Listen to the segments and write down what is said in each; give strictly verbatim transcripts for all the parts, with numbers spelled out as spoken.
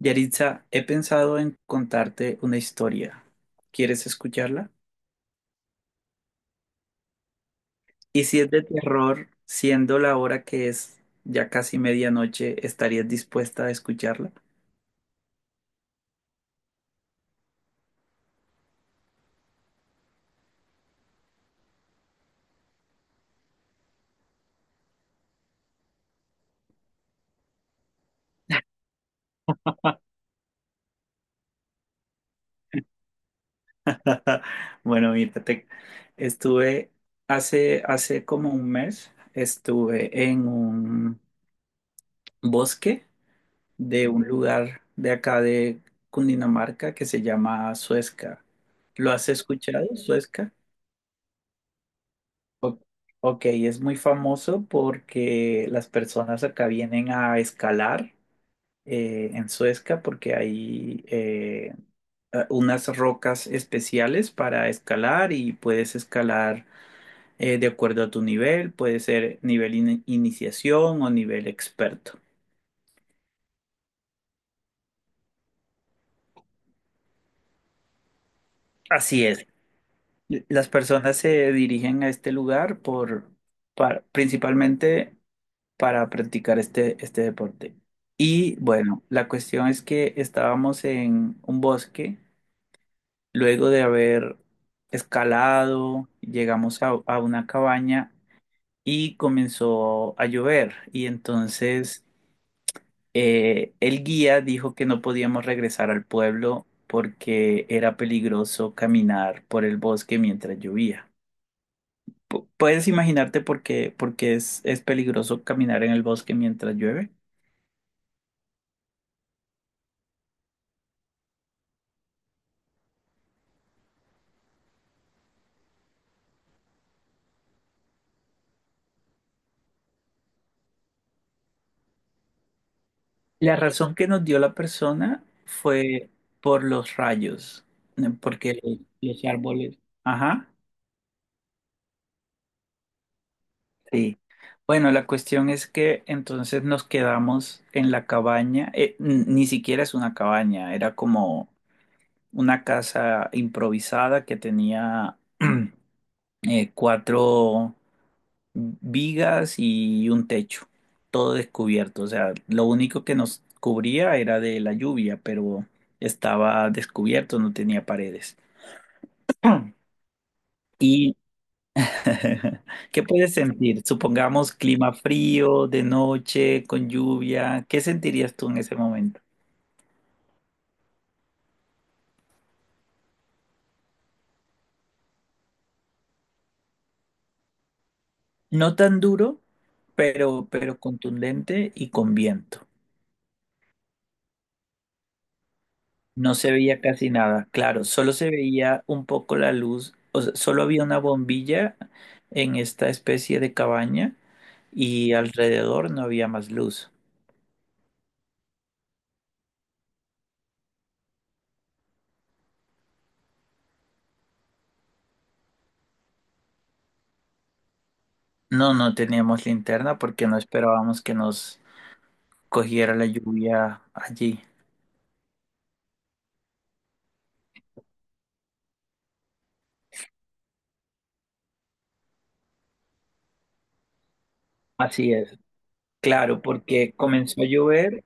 Yaritza, he pensado en contarte una historia. ¿Quieres escucharla? Y si es de terror, siendo la hora que es ya casi medianoche, ¿estarías dispuesta a escucharla? Bueno, mira, te- estuve hace, hace como un mes, estuve en un bosque de un lugar de acá de Cundinamarca que se llama Suezca. ¿Lo has escuchado, Suezca? O- Ok, es muy famoso porque las personas acá vienen a escalar eh, en Suezca porque hay eh, eh, unas rocas especiales para escalar y puedes escalar eh, de acuerdo a tu nivel, puede ser nivel in- iniciación o nivel experto. Así es. Las personas se dirigen a este lugar por, para- principalmente para practicar este, este deporte. Y bueno, la cuestión es que estábamos en un bosque, luego de haber escalado, llegamos a, a una cabaña y comenzó a llover. Y entonces eh, el guía dijo que no podíamos regresar al pueblo porque era peligroso caminar por el bosque mientras llovía. Pu- ¿Puedes imaginarte por qué, por qué es, es peligroso caminar en el bosque mientras llueve? La razón que nos dio la persona fue por los rayos, ¿no? Porque lo- los árboles. Ajá, sí. Bueno, la cuestión es que entonces nos quedamos en la cabaña. Eh, n- ni siquiera es una cabaña, era como una casa improvisada que tenía eh, cuatro vigas y un techo, todo descubierto. O sea, lo único que nos cubría era de la lluvia, pero estaba descubierto, no tenía paredes. ¿Y qué puedes sentir? Supongamos clima frío, de noche, con lluvia. ¿Qué sentirías tú en ese momento? No tan duro, pero, pero contundente y con viento. No se veía casi nada, claro, solo se veía un poco la luz, o sea, solo había una bombilla en esta especie de cabaña y alrededor no había más luz. No, no teníamos linterna porque no esperábamos que nos cogiera la lluvia allí. Así es, claro, porque comenzó a llover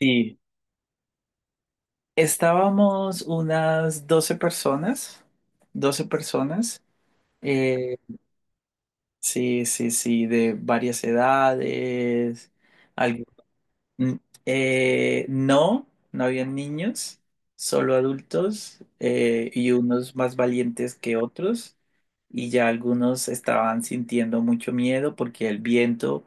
y estábamos unas doce personas, doce personas, eh, sí, sí, sí, de varias edades. Mm, eh, no, no habían niños, solo adultos, eh, y unos más valientes que otros y ya algunos estaban sintiendo mucho miedo porque el viento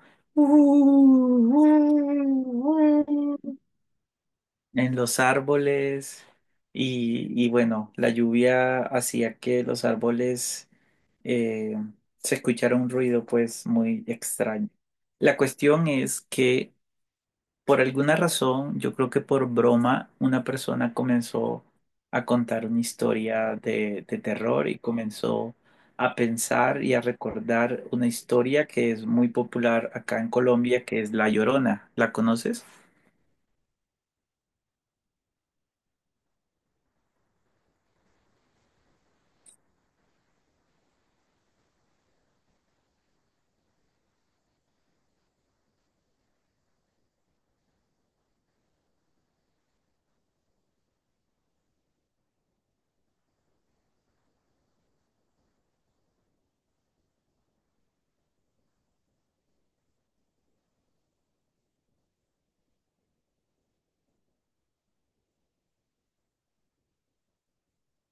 en los árboles y, y bueno, la lluvia hacía que los árboles, eh, se escuchara un ruido pues muy extraño. La cuestión es que por alguna razón, yo creo que por broma, una persona comenzó a contar una historia de, de terror y comenzó a pensar y a recordar una historia que es muy popular acá en Colombia, que es La Llorona. ¿La conoces?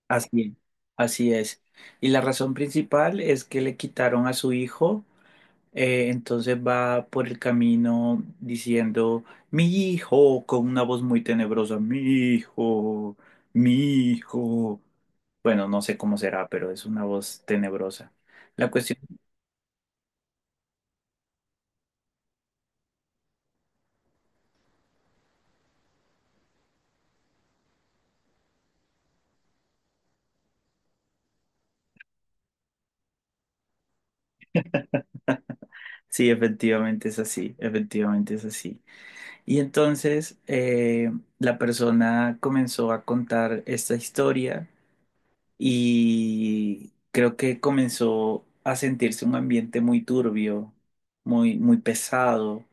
Así es, así es. Y la razón principal es que le quitaron a su hijo. Eh, entonces va por el camino diciendo, mi hijo, con una voz muy tenebrosa, mi hijo, mi hijo. Bueno, no sé cómo será, pero es una voz tenebrosa. La cuestión, sí, efectivamente es así, efectivamente es así. Y entonces eh, la persona comenzó a contar esta historia y creo que comenzó a sentirse un ambiente muy turbio, muy, muy pesado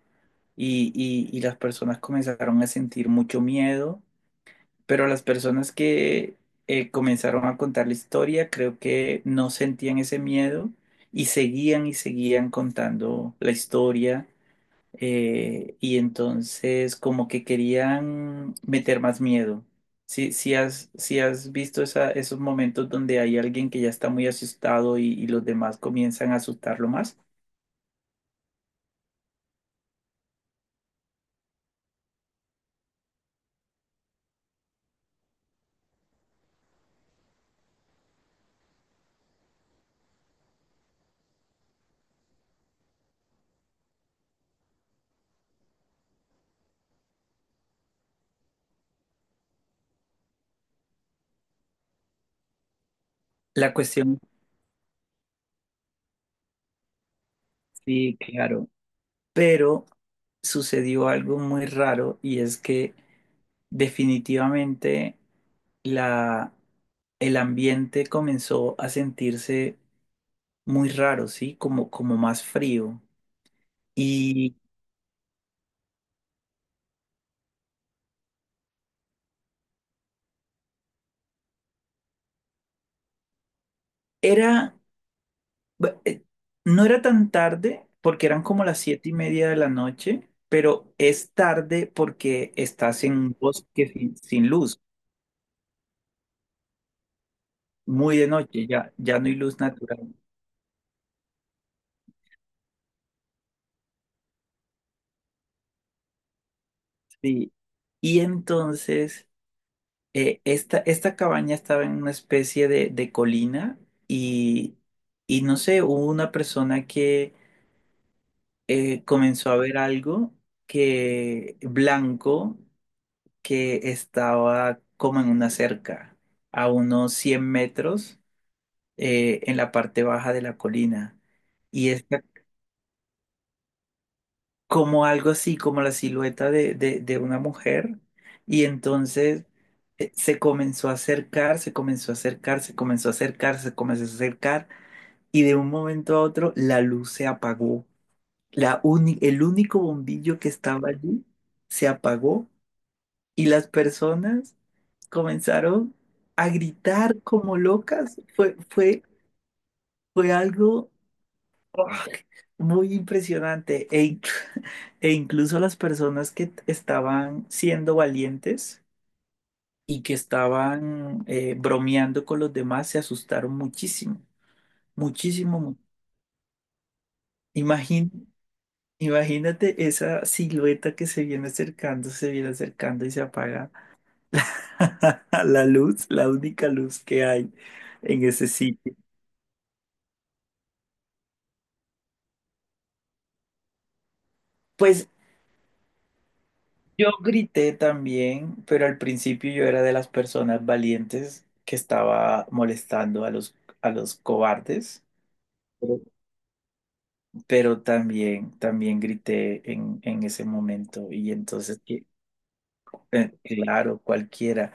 y, y y las personas comenzaron a sentir mucho miedo, pero las personas que eh, comenzaron a contar la historia creo que no sentían ese miedo y seguían y seguían contando la historia, eh, y entonces como que querían meter más miedo. Si, si has, si has visto esa- esos momentos donde hay alguien que ya está muy asustado y, y los demás comienzan a asustarlo más. La cuestión, sí, claro, pero sucedió algo muy raro y es que definitivamente la, el ambiente comenzó a sentirse muy raro, ¿sí? Como, como más frío. Y era, bu- eh, no era tan tarde porque eran como las siete y media de la noche, pero es tarde porque estás en un bosque sin, sin luz, muy de noche, ya, ya no hay luz natural. Sí. Y entonces, eh, esta, esta cabaña estaba en una especie de, de colina y, y no sé, hubo una persona que eh, comenzó a ver algo que blanco que estaba como en una cerca, a unos cien metros, eh, en la parte baja de la colina. Y está como algo así, como la silueta de, de- de una mujer. Y entonces eh, se comenzó a acercar, se comenzó a acercar, se comenzó a acercar, se comenzó a acercar. Y de un momento a otro la luz se apagó. La uni- el único bombillo que estaba allí se apagó y las personas comenzaron a gritar como locas. Fue, fue, fue algo, ah, muy impresionante. E, in- e incluso las personas que t- estaban siendo valientes y que estaban, eh, bromeando con los demás se asustaron muchísimo, muchísimo. mu- Imagín- Imagínate esa silueta que se viene acercando, se viene acercando y se apaga. La luz, la única luz que hay en ese sitio. Pues yo grité también, pero al principio yo era de las personas valientes que estaba molestando a los, a los cobardes, pero, pero también, también grité en, en ese momento y entonces que Eh, claro, cualquiera.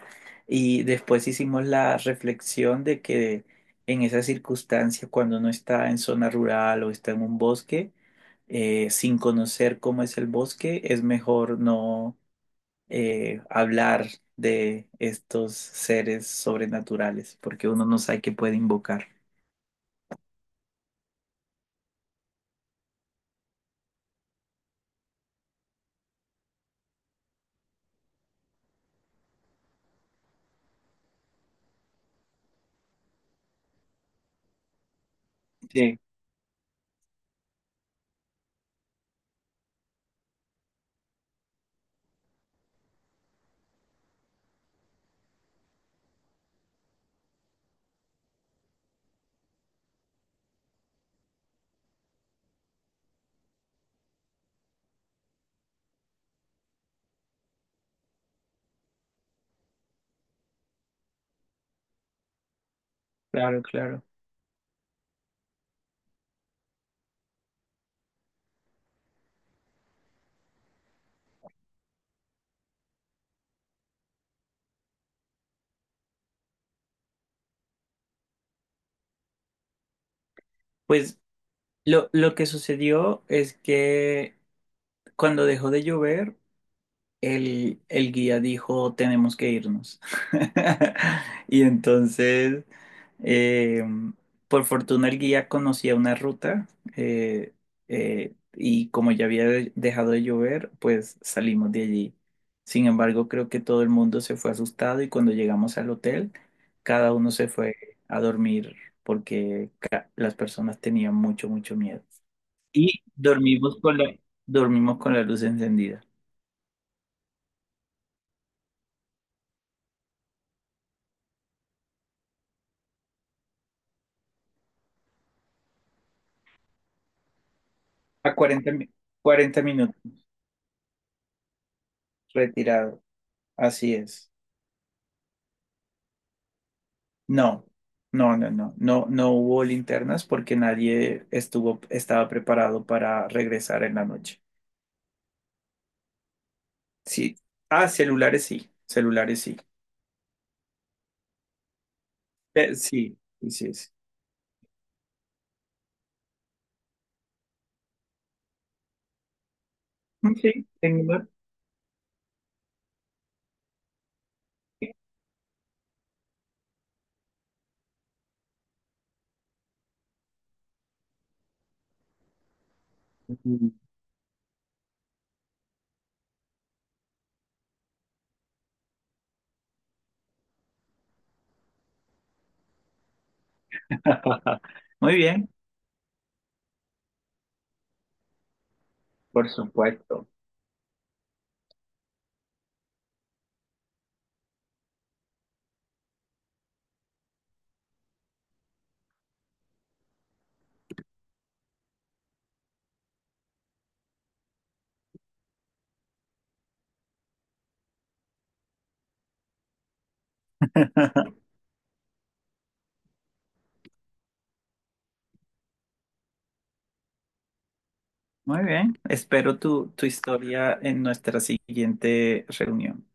Y después hicimos la reflexión de que en esas circunstancias, cuando uno está en zona rural o está en un bosque, eh, sin conocer cómo es el bosque, es mejor no eh, hablar de estos seres sobrenaturales, porque uno no sabe qué puede invocar. Sí, claro, claro. Pues lo, lo que sucedió es que cuando dejó de llover, el, el guía dijo, tenemos que irnos. Y entonces, eh, por fortuna el guía conocía una ruta, eh, eh, y como ya había de- dejado de llover, pues salimos de allí. Sin embargo, creo que todo el mundo se fue asustado y cuando llegamos al hotel, cada uno se fue a dormir porque ca- las personas tenían mucho, mucho miedo. Y dormimos con la, dormimos con la luz encendida. A cuarenta mi- cuarenta minutos retirado. Así es. No, no, no, no, no, no hubo linternas porque nadie estuvo, estaba preparado para regresar en la noche. Sí. Ah, celulares sí, celulares sí. Eh, sí, sí, sí. Sí, Mm, sí, tengo. Mm. Muy bien, por supuesto. Muy bien. Espero tu, tu historia en nuestra siguiente reunión.